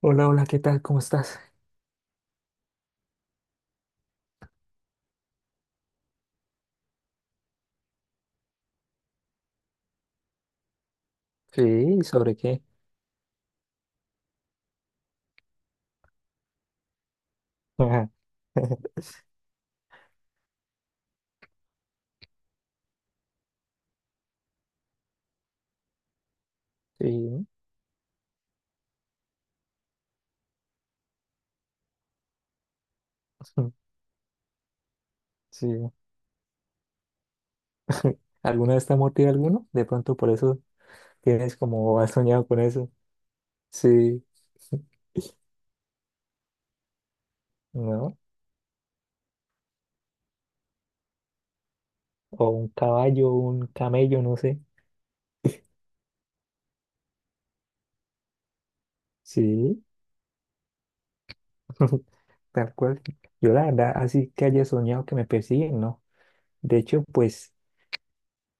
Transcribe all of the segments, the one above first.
Hola, hola, ¿qué tal? ¿Cómo estás? Sí, ¿sobre qué? Ajá. Sí, sí. ¿Alguna vez te ha mordido alguno? De pronto por eso tienes como has soñado con eso. Sí, ¿no? O un caballo, un camello, no sé. Sí, tal cual. Yo la verdad, así que haya soñado que me persiguen, no. De hecho, pues,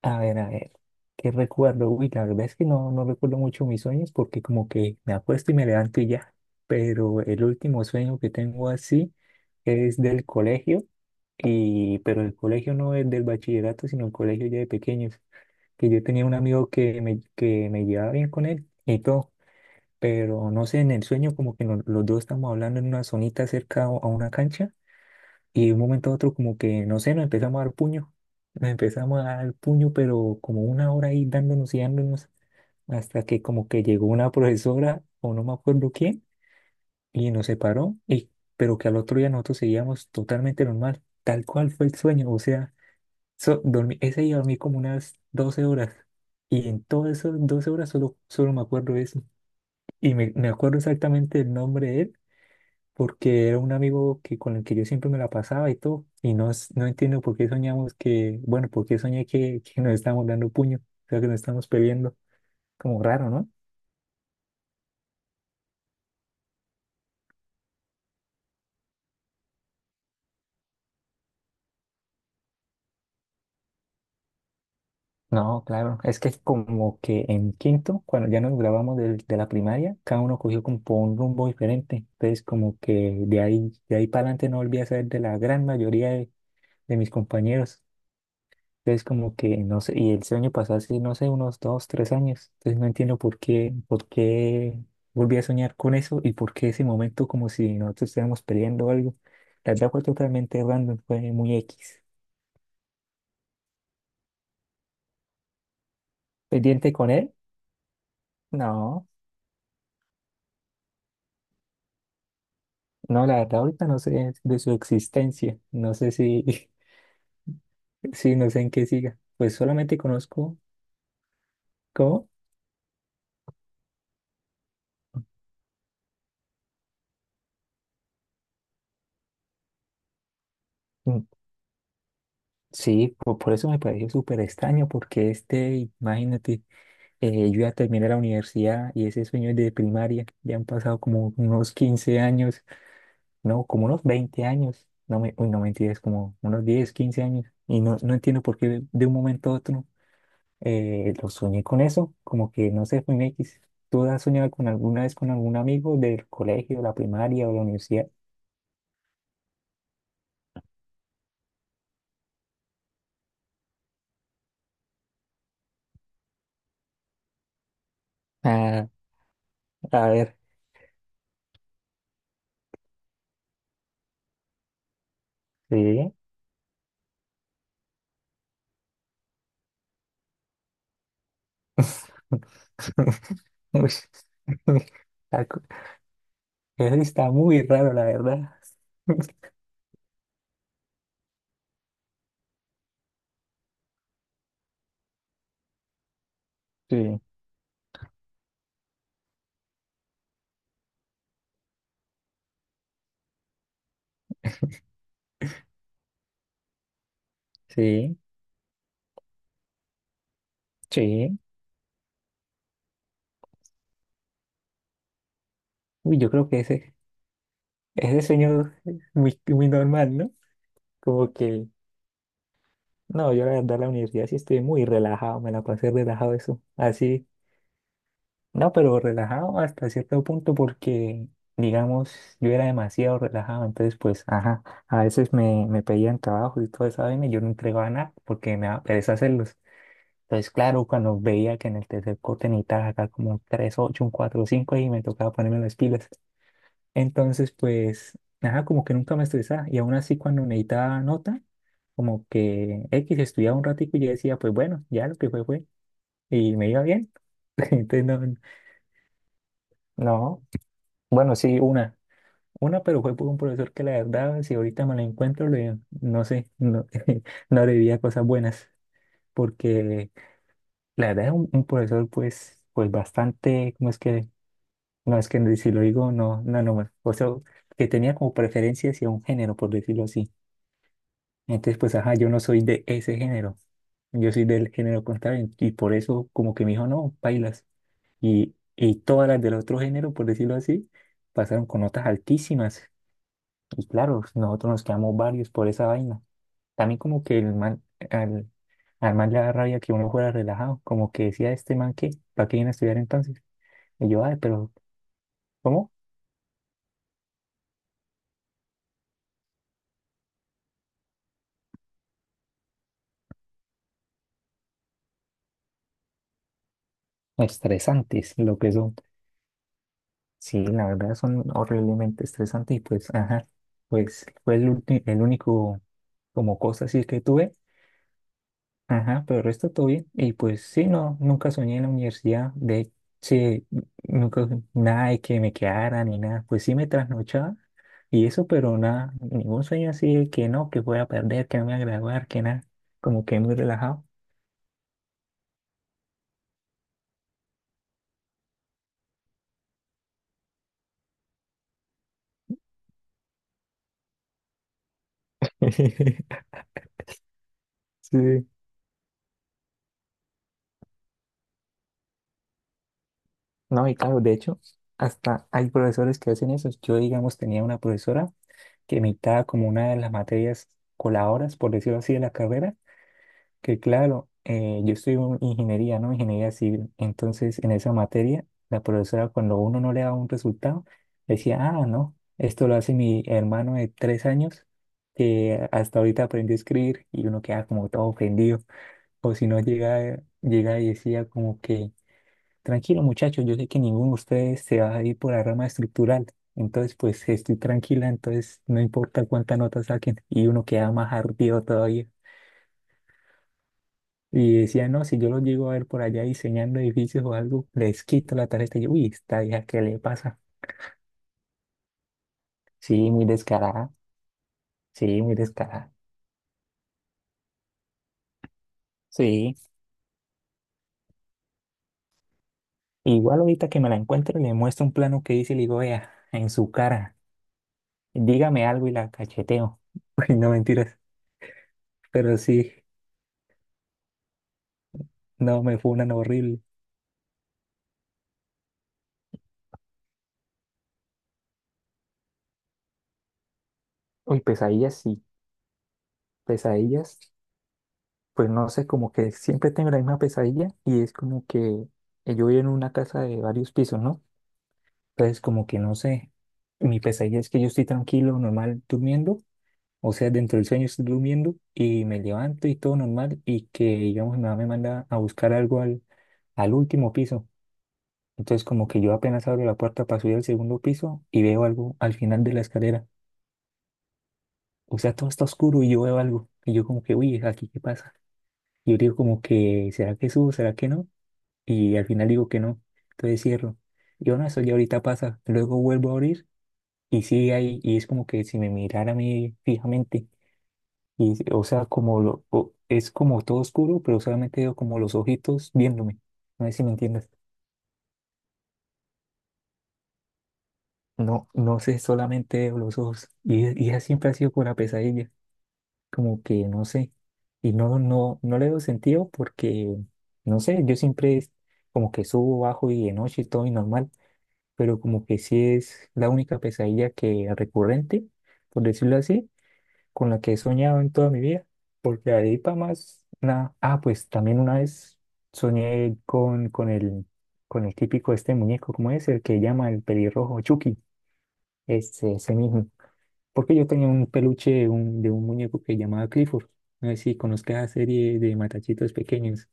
a ver, a ver, ¿qué recuerdo? Uy, la verdad es que no recuerdo mucho mis sueños porque como que me acuesto y me levanto y ya. Pero el último sueño que tengo así es del colegio, pero el colegio no es del bachillerato, sino el colegio ya de pequeños. Que yo tenía un amigo que me llevaba bien con él y todo, pero no sé, en el sueño como que los dos estamos hablando en una zonita cerca a una cancha y de un momento a otro como que, no sé, nos empezamos a dar puño. Nos empezamos a dar puño, pero como una hora ahí dándonos y dándonos hasta que como que llegó una profesora o no me acuerdo quién y nos separó. Pero que al otro día nosotros seguíamos totalmente normal, tal cual fue el sueño. O sea, dormí, ese día dormí como unas 12 horas. Y en todas esas 12 horas solo me acuerdo de eso. Y me acuerdo exactamente el nombre porque era un amigo que, con el que yo siempre me la pasaba y todo, y no, no entiendo por qué soñamos que, bueno, por qué soñé que nos estábamos dando puño, o sea, que nos estábamos peleando, como raro, ¿no? No, claro, es que como que en quinto, cuando ya nos grabamos de la primaria, cada uno cogió como por un rumbo diferente, entonces como que de ahí para adelante no volví a ser de la gran mayoría de mis compañeros. Entonces como que, no sé, y el sueño pasó así, no sé, unos 2, 3 años. Entonces no entiendo por qué volví a soñar con eso y por qué ese momento como si nosotros estuviéramos peleando o algo. La verdad fue totalmente random, fue muy X. ¿Pendiente con él? No, no, la verdad ahorita no sé de su existencia. No sé si, sí, no sé en qué siga. Pues solamente conozco cómo. Mm. Sí, por, eso me pareció súper extraño, porque este, imagínate. Yo ya terminé la universidad y ese sueño es de primaria. Ya han pasado como unos 15 años, no, como unos 20 años. No me, uy, no mentiras, como unos 10, 15 años. Y no entiendo por qué de un momento a otro lo soñé con eso. Como que no sé, fue un X. ¿Tú has soñado con alguna vez con algún amigo del colegio, la primaria o la universidad? Ah, a ver, sí. Uy, algo- eso sí está muy raro, la verdad. Sí, sí. Sí, uy, yo creo que ese sueño es muy, muy normal, ¿no? Como que, no, yo la verdad la universidad sí estoy muy relajado, me la pasé relajado eso, así, no, pero relajado hasta cierto punto porque, digamos, yo era demasiado relajado, entonces pues, ajá, a veces me pedían trabajo y todo eso, y yo no entregaba nada porque me daba pereza hacerlos. Entonces, claro, cuando veía que en el tercer corte necesitaba acá como un 3,8, un 4, cinco y me tocaba ponerme las pilas. Entonces, pues, nada, como que nunca me estresaba. Y aún así, cuando necesitaba nota, como que X estudiaba un ratico y yo decía, pues bueno, ya lo que fue, fue. Y me iba bien. Entonces, no, no. Bueno, sí, una. Una, pero fue por un profesor que la verdad, si ahorita me la encuentro, no sé, no, no le diría cosas buenas. Porque la verdad es un profesor, pues bastante, ¿cómo es que? No, es que si lo digo, no, no, no. O sea, que tenía como preferencia hacia un género, por decirlo así. Entonces, pues, ajá, yo no soy de ese género. Yo soy del género contrario. Y por eso, como que me dijo, no, bailas. Y todas las del otro género, por decirlo así, pasaron con notas altísimas. Y claro, nosotros nos quedamos varios por esa vaina. También, como que el man, al, al man le da rabia que uno fuera relajado. Como que decía, este man, ¿qué? ¿Para qué viene a estudiar entonces? Y yo, ay, pero, ¿cómo? Estresantes, lo que son. Sí, la verdad son horriblemente estresantes. Y pues, ajá, pues fue el único. Como cosas así que tuve. Ajá, pero el resto todo bien. Y pues sí, no, nunca soñé en la universidad. De hecho, sí, nunca, nada de que me quedara ni nada. Pues sí me trasnochaba y eso, pero nada, ningún sueño así de que no, que voy a perder, que no me voy a graduar, que nada. Como que muy relajado. Sí. No, y claro, de hecho, hasta hay profesores que hacen eso. Yo, digamos, tenía una profesora que me dictaba como una de las materias coladoras, por decirlo así, de la carrera. Que claro, yo estudio ingeniería, ¿no? Ingeniería civil. Entonces, en esa materia, la profesora, cuando uno no le daba un resultado, decía, ah, no, esto lo hace mi hermano de 3 años, que hasta ahorita aprendió a escribir, y uno queda como todo ofendido. O si no, llega y decía como que, tranquilo muchachos, yo sé que ninguno de ustedes se va a ir por la rama estructural. Entonces, pues estoy tranquila, entonces no importa cuántas notas saquen, y uno queda más ardido todavía. Y decía, no, si yo los llego a ver por allá diseñando edificios o algo, les quito la tarjeta. Y yo, uy, esta vieja, ¿qué le pasa? Sí, muy descarada. Sí, muy descarada. Sí. Igual ahorita que me la encuentro le muestro un plano que hice y le digo, vea, en su cara, dígame algo y la cacheteo. Uy, no mentiras. Pero sí, no, me fue una horrible. Uy, pesadillas, sí. Pesadillas, pues no sé, como que siempre tengo la misma pesadilla y es como que yo vivo en una casa de varios pisos, ¿no? Entonces, como que no sé, mi pesadilla es que yo estoy tranquilo, normal, durmiendo, o sea, dentro del sueño estoy durmiendo y me levanto y todo normal y que, digamos, mi mamá me manda a buscar algo al último piso. Entonces, como que yo apenas abro la puerta para subir al segundo piso y veo algo al final de la escalera. O sea, todo está oscuro y yo veo algo. Y yo como que, uy, ¿aquí qué pasa? Y yo digo como que, ¿será que subo? ¿Será que no? Y al final digo que no. Entonces cierro. Yo no, eso ya ahorita pasa. Luego vuelvo a abrir. Y sí, ahí, y es como que si me mirara a mí fijamente, y, o sea, como lo, es como todo oscuro, pero solamente veo como los ojitos viéndome. No sé si me entiendes. No, no sé, solamente veo los ojos. Y esa siempre ha sido con la pesadilla, como que no sé. Y no, no, no le doy sentido porque, no sé, yo siempre es como que subo, bajo y de noche y todo y normal, pero como que sí es la única pesadilla que recurrente, por decirlo así, con la que he soñado en toda mi vida, porque ahí para más nada. Ah, pues también una vez soñé con el típico este muñeco, ¿cómo es? El que llama el pelirrojo Chucky, ese mismo. Porque yo tenía un peluche de un muñeco que llamaba Clifford. No sé si conozcas la serie de matachitos pequeños.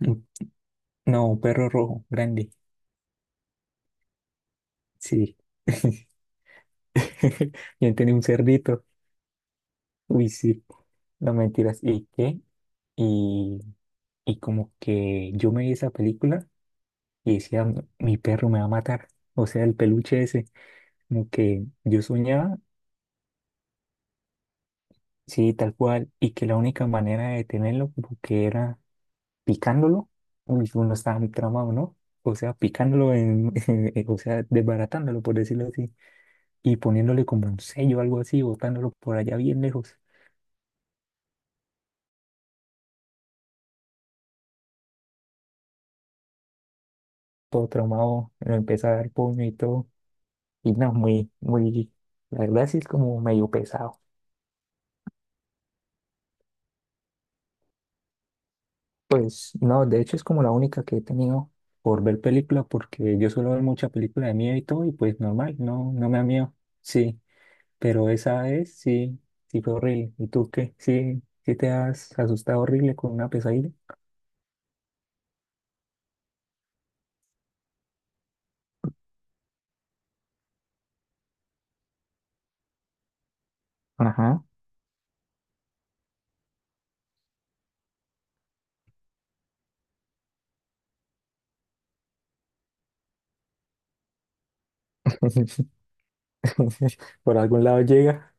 Un- No, un perro rojo, grande. Sí. Yo tenía un cerdito. Uy, sí. No mentiras. ¿Y qué? Y Y como que yo me vi esa película y decía, "Mi perro me va a matar". O sea, el peluche ese, como que yo soñaba, sí, tal cual, y que la única manera de detenerlo como que era picándolo. Uy, uno estaba muy tramado, ¿no? O sea, picándolo, en, o sea, desbaratándolo, por decirlo así, y poniéndole como un sello o algo así, botándolo por allá bien lejos. Todo traumado, lo empezó a dar puño y todo. Y no, muy, muy, la verdad sí es como medio pesado. Pues no, de hecho es como la única que he tenido por ver película, porque yo suelo ver mucha película de miedo y todo, y pues normal, no me da miedo, sí, pero esa vez sí, fue horrible. ¿Y tú qué? Sí, sí te has asustado horrible con una pesadilla. Ajá. Por algún lado llega.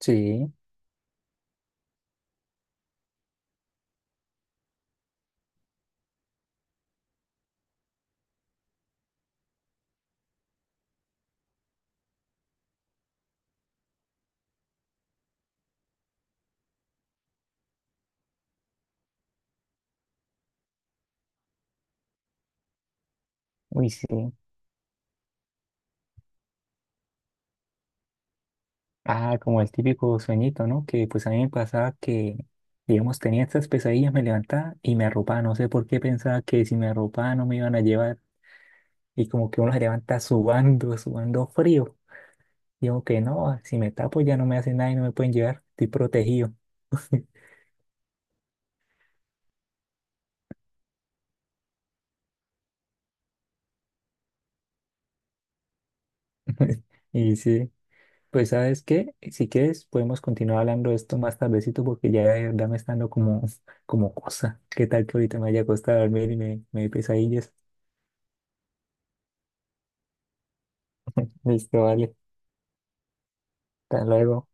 Sí, uy, sí. Ah, como el típico sueñito, ¿no? Que pues a mí me pasaba que, digamos, tenía estas pesadillas, me levantaba y me arropaba. No sé por qué pensaba que si me arropaba no me iban a llevar. Y como que uno se levanta subando, subando frío. Y como que no, si me tapo ya no me hace nada y no me pueden llevar, estoy protegido. Y sí, pues ¿sabes qué? Si quieres podemos continuar hablando de esto más tardecito porque ya de verdad me está dando como, como cosa. ¿Qué tal que ahorita me haya costado dormir y me dé pesadillas? Listo, vale. Hasta luego.